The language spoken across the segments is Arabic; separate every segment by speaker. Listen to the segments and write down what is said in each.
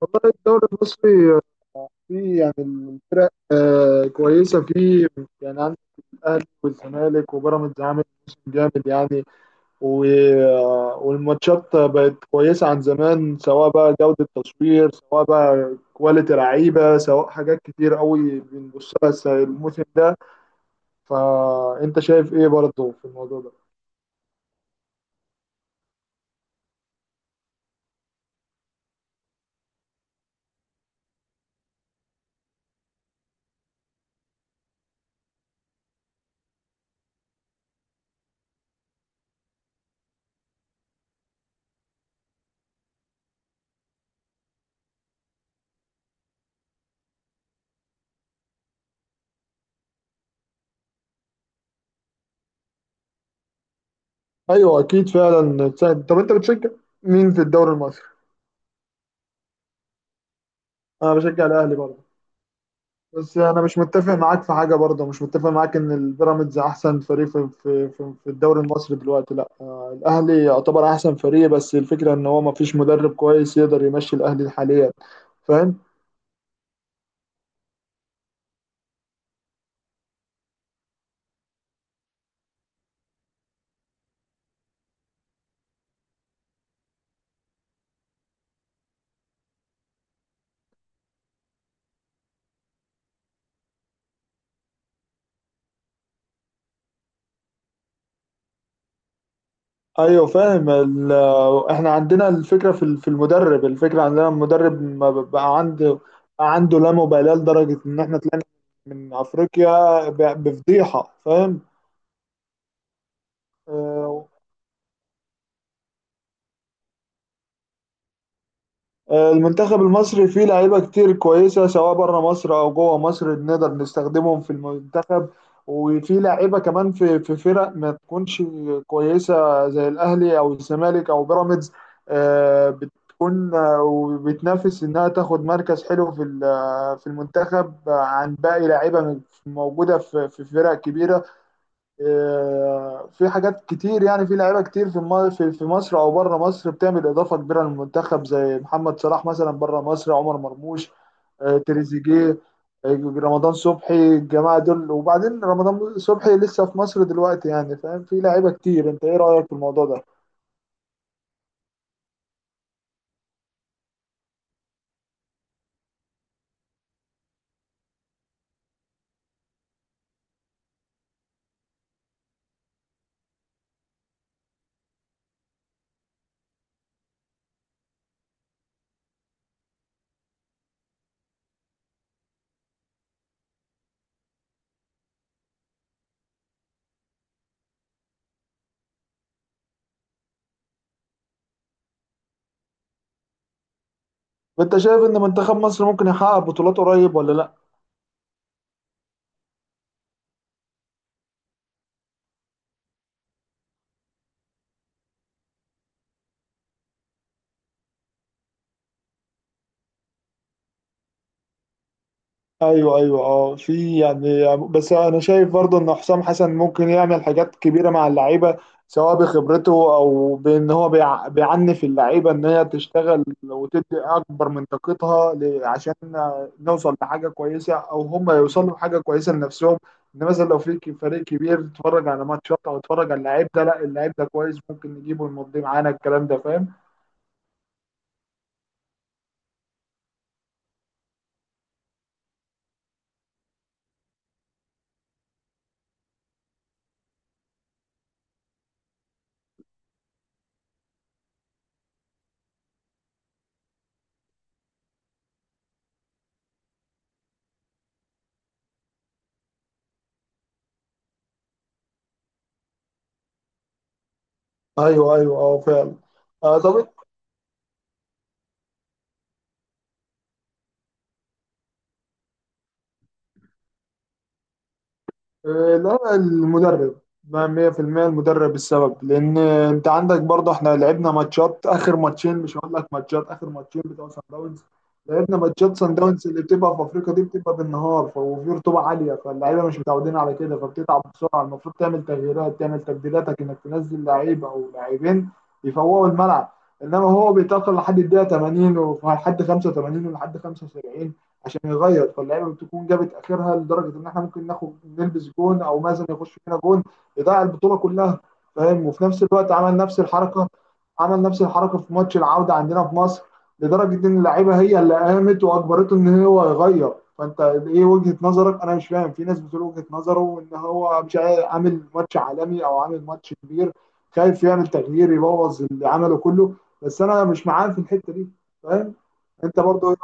Speaker 1: والله الدوري المصري فيه الفرق كويسة فيه، يعني عندك الأهلي والزمالك وبيراميدز عامل موسم جامد يعني. والماتشات بقت كويسة عن زمان، سواء بقى جودة تصوير، سواء بقى كواليتي لعيبة، سواء حاجات كتير قوي بنبص لها الموسم ده. فأنت شايف إيه برضه في الموضوع ده؟ أيوه أكيد فعلا سهل. طب أنت بتشجع مين في الدوري المصري؟ أنا بشجع الأهلي برضه، بس انا مش متفق معاك في حاجه، برضه مش متفق معاك ان البيراميدز احسن فريق في الدوري المصري دلوقتي. لا الاهلي يعتبر احسن فريق، بس الفكره ان هو ما فيش مدرب كويس يقدر يمشي الاهلي حاليا. فاهم. ايوه فاهم احنا عندنا الفكره في المدرب، الفكره عندنا المدرب ما ب- بقى عنده، بقى عنده لا مبالاه لدرجه ان احنا طلعنا من افريقيا بفضيحه. فاهم. آه، المنتخب المصري فيه لعيبة كتير كويسة، سواء بره مصر أو جوه مصر، نقدر نستخدمهم في المنتخب. وفي لعيبة كمان في فرق ما تكونش كويسة زي الأهلي أو الزمالك أو بيراميدز، آه، بتكون آه، وبتنافس إنها تاخد مركز حلو في ال- آه، في المنتخب عن باقي لعيبة موجودة في فرق كبيرة. في حاجات كتير، يعني في لعيبه كتير في الم- في في مصر او بره مصر بتعمل اضافه كبيره للمنتخب، زي محمد صلاح مثلا بره مصر، عمر مرموش، تريزيجيه، رمضان صبحي، الجماعه دول. وبعدين رمضان صبحي لسه في مصر دلوقتي يعني، فاهم؟ في لعيبه كتير. انت ايه رايك في الموضوع ده؟ انت شايف ان منتخب مصر ممكن يحقق بطولات قريب ولا لا؟ ايوه ايوه اه، في يعني، بس انا شايف برضه ان حسام حسن ممكن يعمل حاجات كبيره مع اللعيبه، سواء بخبرته او بان هو بيعنف اللعيبه ان هي تشتغل وتدي اكبر من طاقتها عشان نوصل لحاجه كويسه، او هم يوصلوا لحاجه كويسه لنفسهم. ان مثلا لو في فريق كبير اتفرج على ماتشات، او اتفرج على اللعيب ده، لا اللعيب ده كويس ممكن نجيبه ونمضيه معانا، الكلام ده. فاهم. ايوه ايوه اه فعلا. طب. لا المدرب، ما 100% المدرب السبب، لان انت عندك برضه احنا لعبنا ماتشات، اخر ماتشين مش هقول لك، ماتشات اخر ماتشين بتوع سان داونز. لعبنا ماتشات سان داونز اللي بتبقى في افريقيا دي، بتبقى بالنهار وفي رطوبه عاليه، فاللعيبه مش متعودين على كده، فبتتعب بسرعه. المفروض تعمل تغييرات، تعمل تبديلاتك، انك تنزل لعيب او لاعبين يفوقوا الملعب. انما هو بيتاخر لحد الدقيقه 80 ولحد 85 ولحد 75 عشان يغير، فاللعيبه بتكون جابت اخرها لدرجه ان احنا ممكن ناخد، نلبس جون، او مازن يخش فينا جون يضيع البطوله كلها. فاهم. وفي نفس الوقت عمل نفس الحركه، عمل نفس الحركه في ماتش العوده عندنا في مصر، لدرجه ان اللعيبه هي اللي قامت واجبرته ان هو يغير. فانت ايه وجهه نظرك؟ انا مش فاهم، في ناس بتقول وجهه نظره وان هو مش عامل ماتش عالمي او عامل ماتش كبير، خايف يعمل تغيير يبوظ اللي عمله كله، بس انا مش معاه في الحته دي. فاهم. انت برضو؟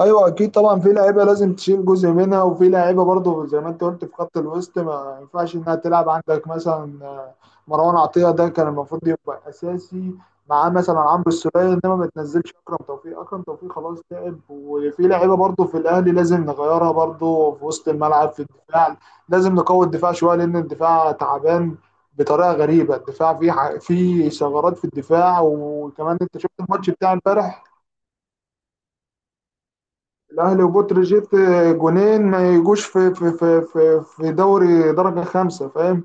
Speaker 1: ايوه اكيد طبعا، في لعيبه لازم تشيل جزء منها، وفي لعيبه برضه زي ما انت قلت في خط الوسط ما ينفعش انها تلعب. عندك مثلا مروان عطيه ده كان المفروض يبقى اساسي معاه مثلا عمرو السولية، انما ما تنزلش اكرم توفيق. اكرم توفيق خلاص تعب، وفي لعيبه برضه في الاهلي لازم نغيرها برضه في وسط الملعب، في الدفاع. لازم نقوي الدفاع شويه، لان الدفاع تعبان بطريقه غريبه. الدفاع فيه فيه ثغرات في الدفاع، وكمان انت شفت الماتش بتاع امبارح، الاهلي وبتروجيت، جونين ما يجوش في دوري درجه خمسه. فاهم.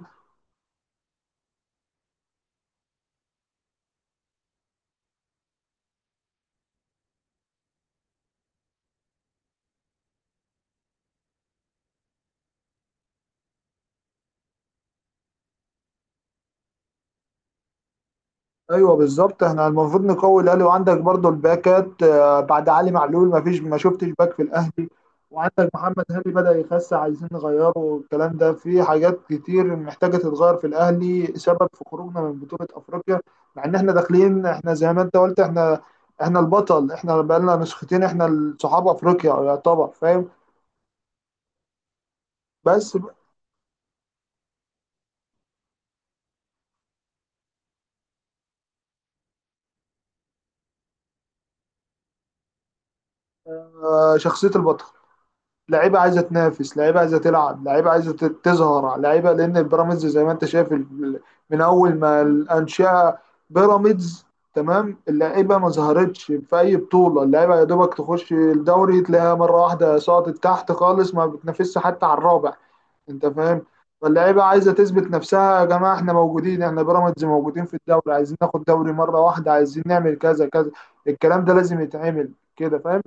Speaker 1: ايوه بالظبط، احنا المفروض نقوي الاهلي، وعندك برضو الباكات، بعد علي معلول ما فيش، ما شفتش باك في الاهلي، وعندك محمد هاني بدأ يخس عايزين نغيره. والكلام ده، في حاجات كتير محتاجه تتغير في الاهلي سبب في خروجنا من بطوله افريقيا، مع ان احنا داخلين، احنا زي ما انت قلت، احنا احنا البطل، احنا بقالنا نسختين، احنا صحاب افريقيا يعتبر. فاهم. بس شخصيه البطل، لعيبه عايزه تنافس، لعيبه عايزه تلعب، لعيبه عايزه تظهر. لعيبه، لان بيراميدز زي ما انت شايف من اول ما الانشئه بيراميدز، تمام، اللعيبه ما ظهرتش في اي بطوله، اللعيبه يا دوبك تخش الدوري تلاقيها مره واحده سقطت تحت خالص، ما بتنافسش حتى على الرابع. انت فاهم. فاللعيبه عايزه تثبت نفسها، يا جماعه احنا موجودين، احنا بيراميدز موجودين في الدوري، عايزين ناخد دوري مره واحده، عايزين نعمل كذا كذا، الكلام ده لازم يتعمل كده. فاهم.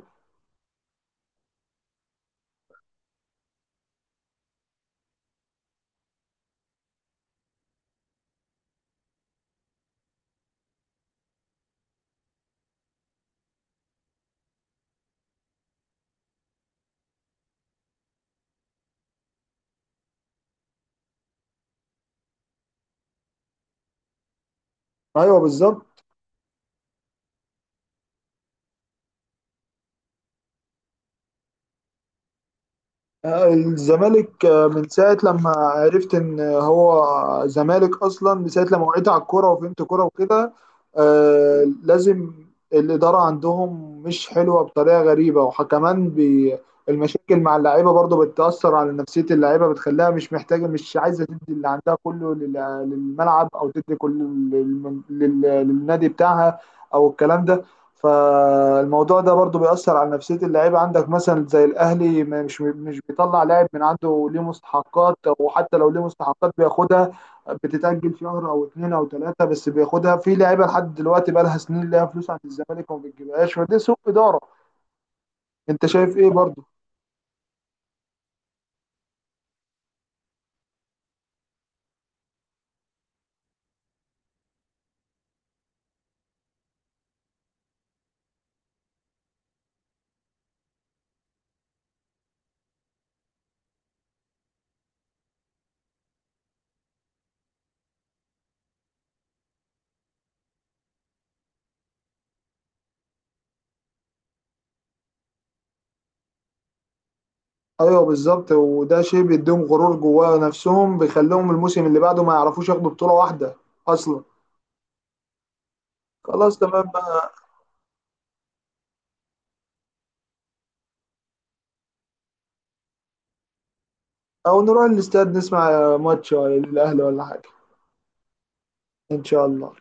Speaker 1: ايوه بالظبط. الزمالك، من ساعة لما عرفت إن هو زمالك أصلا، من ساعة لما وعيت على الكورة وفهمت كورة وكده، آه، لازم الإدارة عندهم مش حلوة بطريقة غريبة، وكمان المشاكل مع اللعيبة برضو بتأثر على نفسية اللعيبة، بتخليها مش محتاجة، مش عايزة تدي اللي عندها كله للملعب، أو تدي كل للنادي بتاعها، أو الكلام ده. فالموضوع ده برضه بيأثر على نفسية اللعيبة. عندك مثلا زي الأهلي مش بيطلع لاعب من عنده ليه مستحقات، وحتى لو ليه مستحقات بياخدها، بتتأجل شهر أو اتنين أو تلاتة بس بياخدها. في لعيبة لحد دلوقتي بقى لها سنين ليها فلوس عند الزمالك وما بتجيبهاش، فده سوء إدارة. أنت شايف إيه برضه؟ أيوه بالظبط، وده شيء بيديهم غرور جواه نفسهم، بيخليهم الموسم اللي بعده ما يعرفوش ياخدوا بطولة واحدة أصلا. خلاص تمام بقى. أو نروح الاستاد نسمع ماتش، ولا الأهلي ولا حاجة. إن شاء الله.